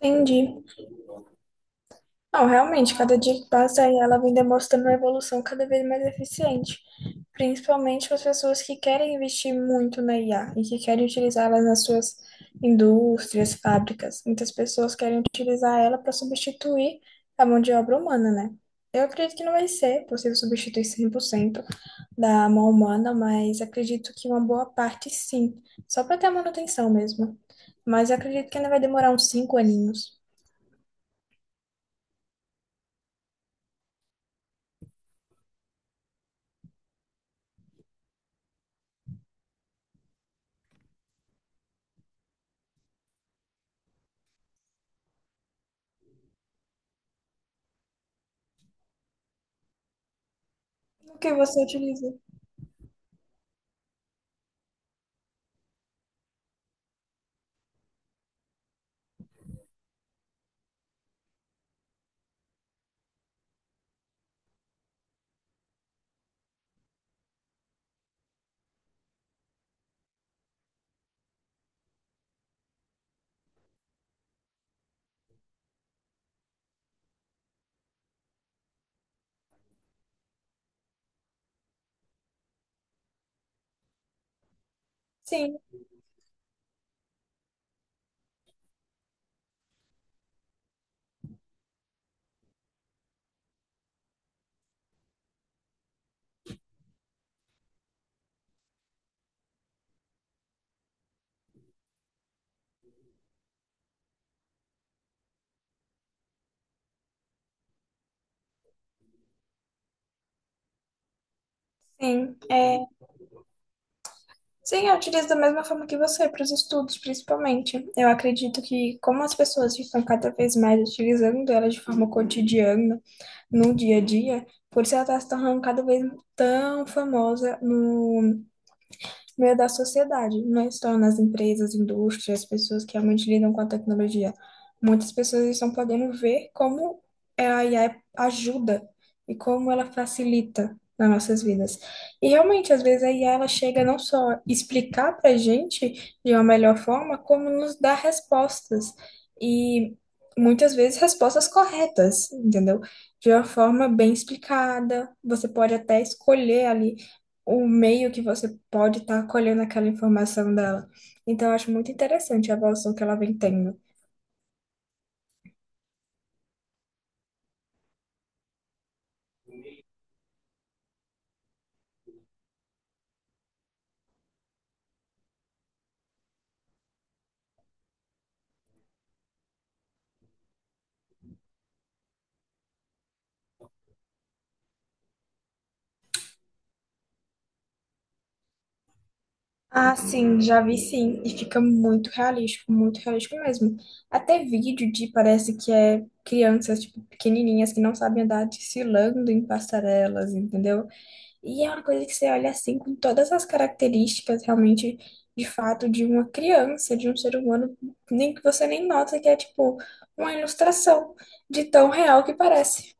Entendi. Não, realmente, cada dia que passa aí ela vem demonstrando uma evolução cada vez mais eficiente, principalmente para as pessoas que querem investir muito na IA e que querem utilizá-la nas suas indústrias, fábricas. Muitas pessoas querem utilizar ela para substituir a mão de obra humana, né? Eu acredito que não vai ser possível substituir 100% da mão humana, mas acredito que uma boa parte sim, só para ter a manutenção mesmo. Mas eu acredito que ainda vai demorar uns 5 aninhos. O que você utiliza? Sim, sim. É, sim, eu utilizo da mesma forma que você, para os estudos, principalmente. Eu acredito que, como as pessoas estão cada vez mais utilizando ela de forma cotidiana, no dia a dia, por isso ela está se tornando cada vez tão famosa no meio da sociedade, não é só nas empresas, indústrias, pessoas que realmente lidam com a tecnologia. Muitas pessoas estão podendo ver como a IA ajuda e como ela facilita nas nossas vidas. E realmente, às vezes a IA ela chega não só explicar para a gente de uma melhor forma, como nos dar respostas. E muitas vezes respostas corretas, entendeu? De uma forma bem explicada. Você pode até escolher ali o meio que você pode estar colhendo aquela informação dela. Então, eu acho muito interessante a evolução que ela vem tendo. Ah, sim, já vi sim, e fica muito realístico mesmo. Até vídeo de parece que é crianças, tipo, pequenininhas que não sabem andar desfilando em passarelas, entendeu? E é uma coisa que você olha assim com todas as características realmente de fato de uma criança, de um ser humano, nem que você nem nota que é tipo uma ilustração de tão real que parece.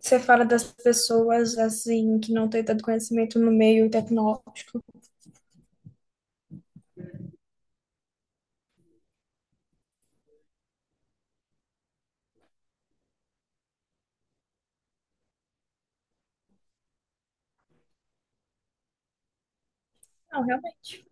Você fala das pessoas assim que não têm tanto conhecimento no meio tecnológico. Não, realmente.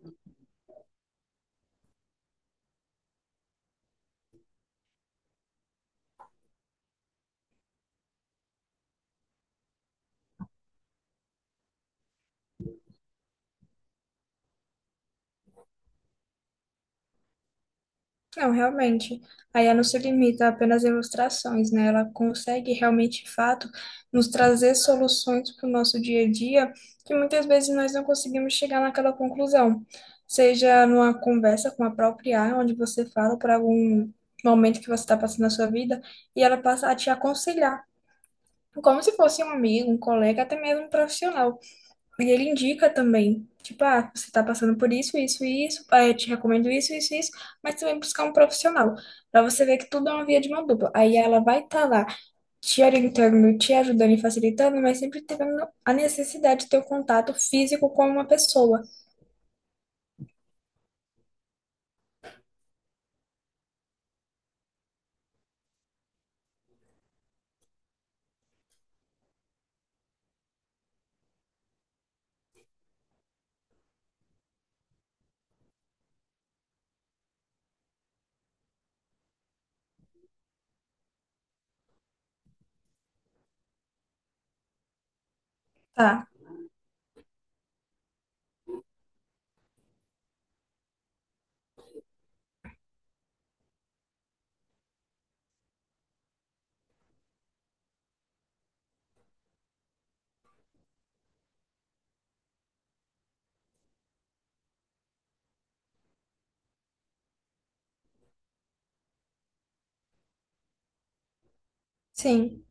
Não, realmente. A IA não se limita apenas a ilustrações, né? Ela consegue realmente, de fato, nos trazer soluções para o nosso dia a dia que muitas vezes nós não conseguimos chegar naquela conclusão. Seja numa conversa com a própria IA, onde você fala por algum momento que você está passando na sua vida e ela passa a te aconselhar, como se fosse um amigo, um colega, até mesmo um profissional. E ele indica também, tipo, ah, você tá passando por isso, isso e isso, ah, eu te recomendo isso, isso e isso, mas também buscar um profissional, pra você ver que tudo é uma via de mão dupla. Aí ela vai estar lá te orientando, te ajudando e facilitando, mas sempre tendo a necessidade de ter o contato físico com uma pessoa. Tá, sim,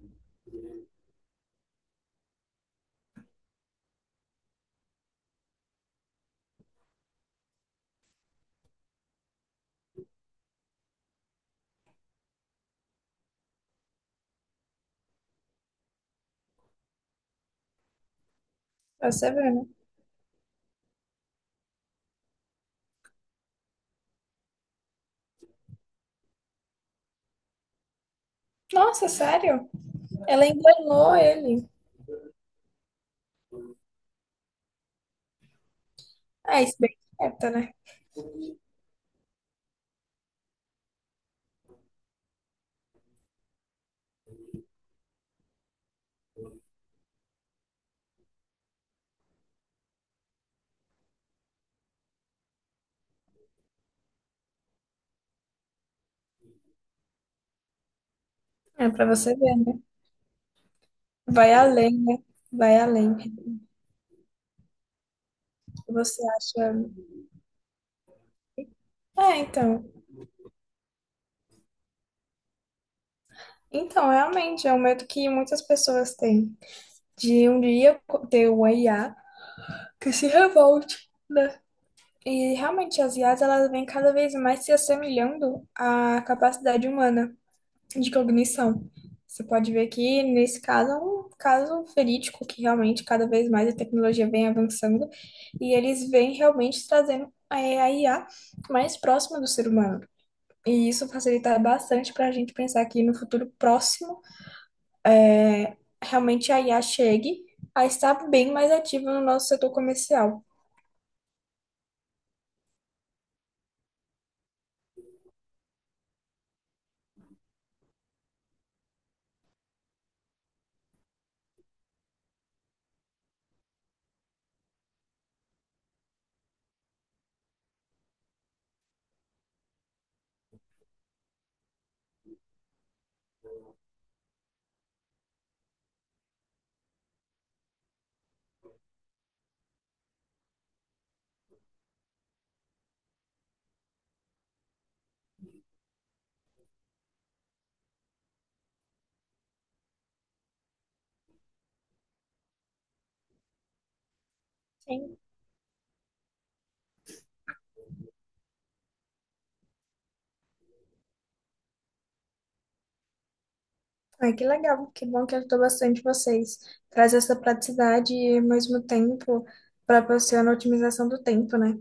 tá sabendo. Nossa, sério? Ela enganou ele. Ah, isso bem quieta, né? É pra você ver, né? Vai além, né? Vai além. Você acha. Ah, então. Então, realmente, é um medo que muitas pessoas têm, de um dia ter uma IA que se revolte, né? E realmente, as IAs, elas vêm cada vez mais se assemelhando à capacidade humana de cognição. Você pode ver que, nesse caso, é um caso verídico, que realmente, cada vez mais a tecnologia vem avançando e eles vêm realmente trazendo a IA mais próxima do ser humano. E isso facilita bastante para a gente pensar que no futuro próximo realmente a IA chegue a estar bem mais ativa no nosso setor comercial. Sim. Ah, que legal, que bom que ajudou bastante vocês. Traz essa praticidade e, ao mesmo tempo, proporciona a otimização do tempo, né?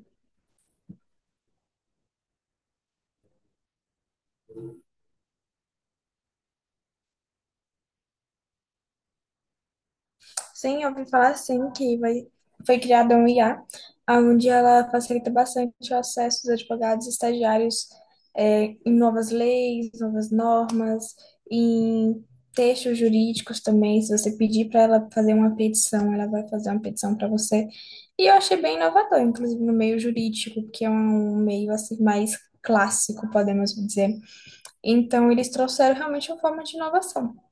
Sim, eu ouvi falar assim que vai, foi criada um IA, onde ela facilita bastante o acesso dos advogados e estagiários em novas leis, novas normas, em textos jurídicos também. Se você pedir para ela fazer uma petição, ela vai fazer uma petição para você. E eu achei bem inovador, inclusive no meio jurídico, que é um meio assim mais clássico, podemos dizer. Então, eles trouxeram realmente uma forma de inovação.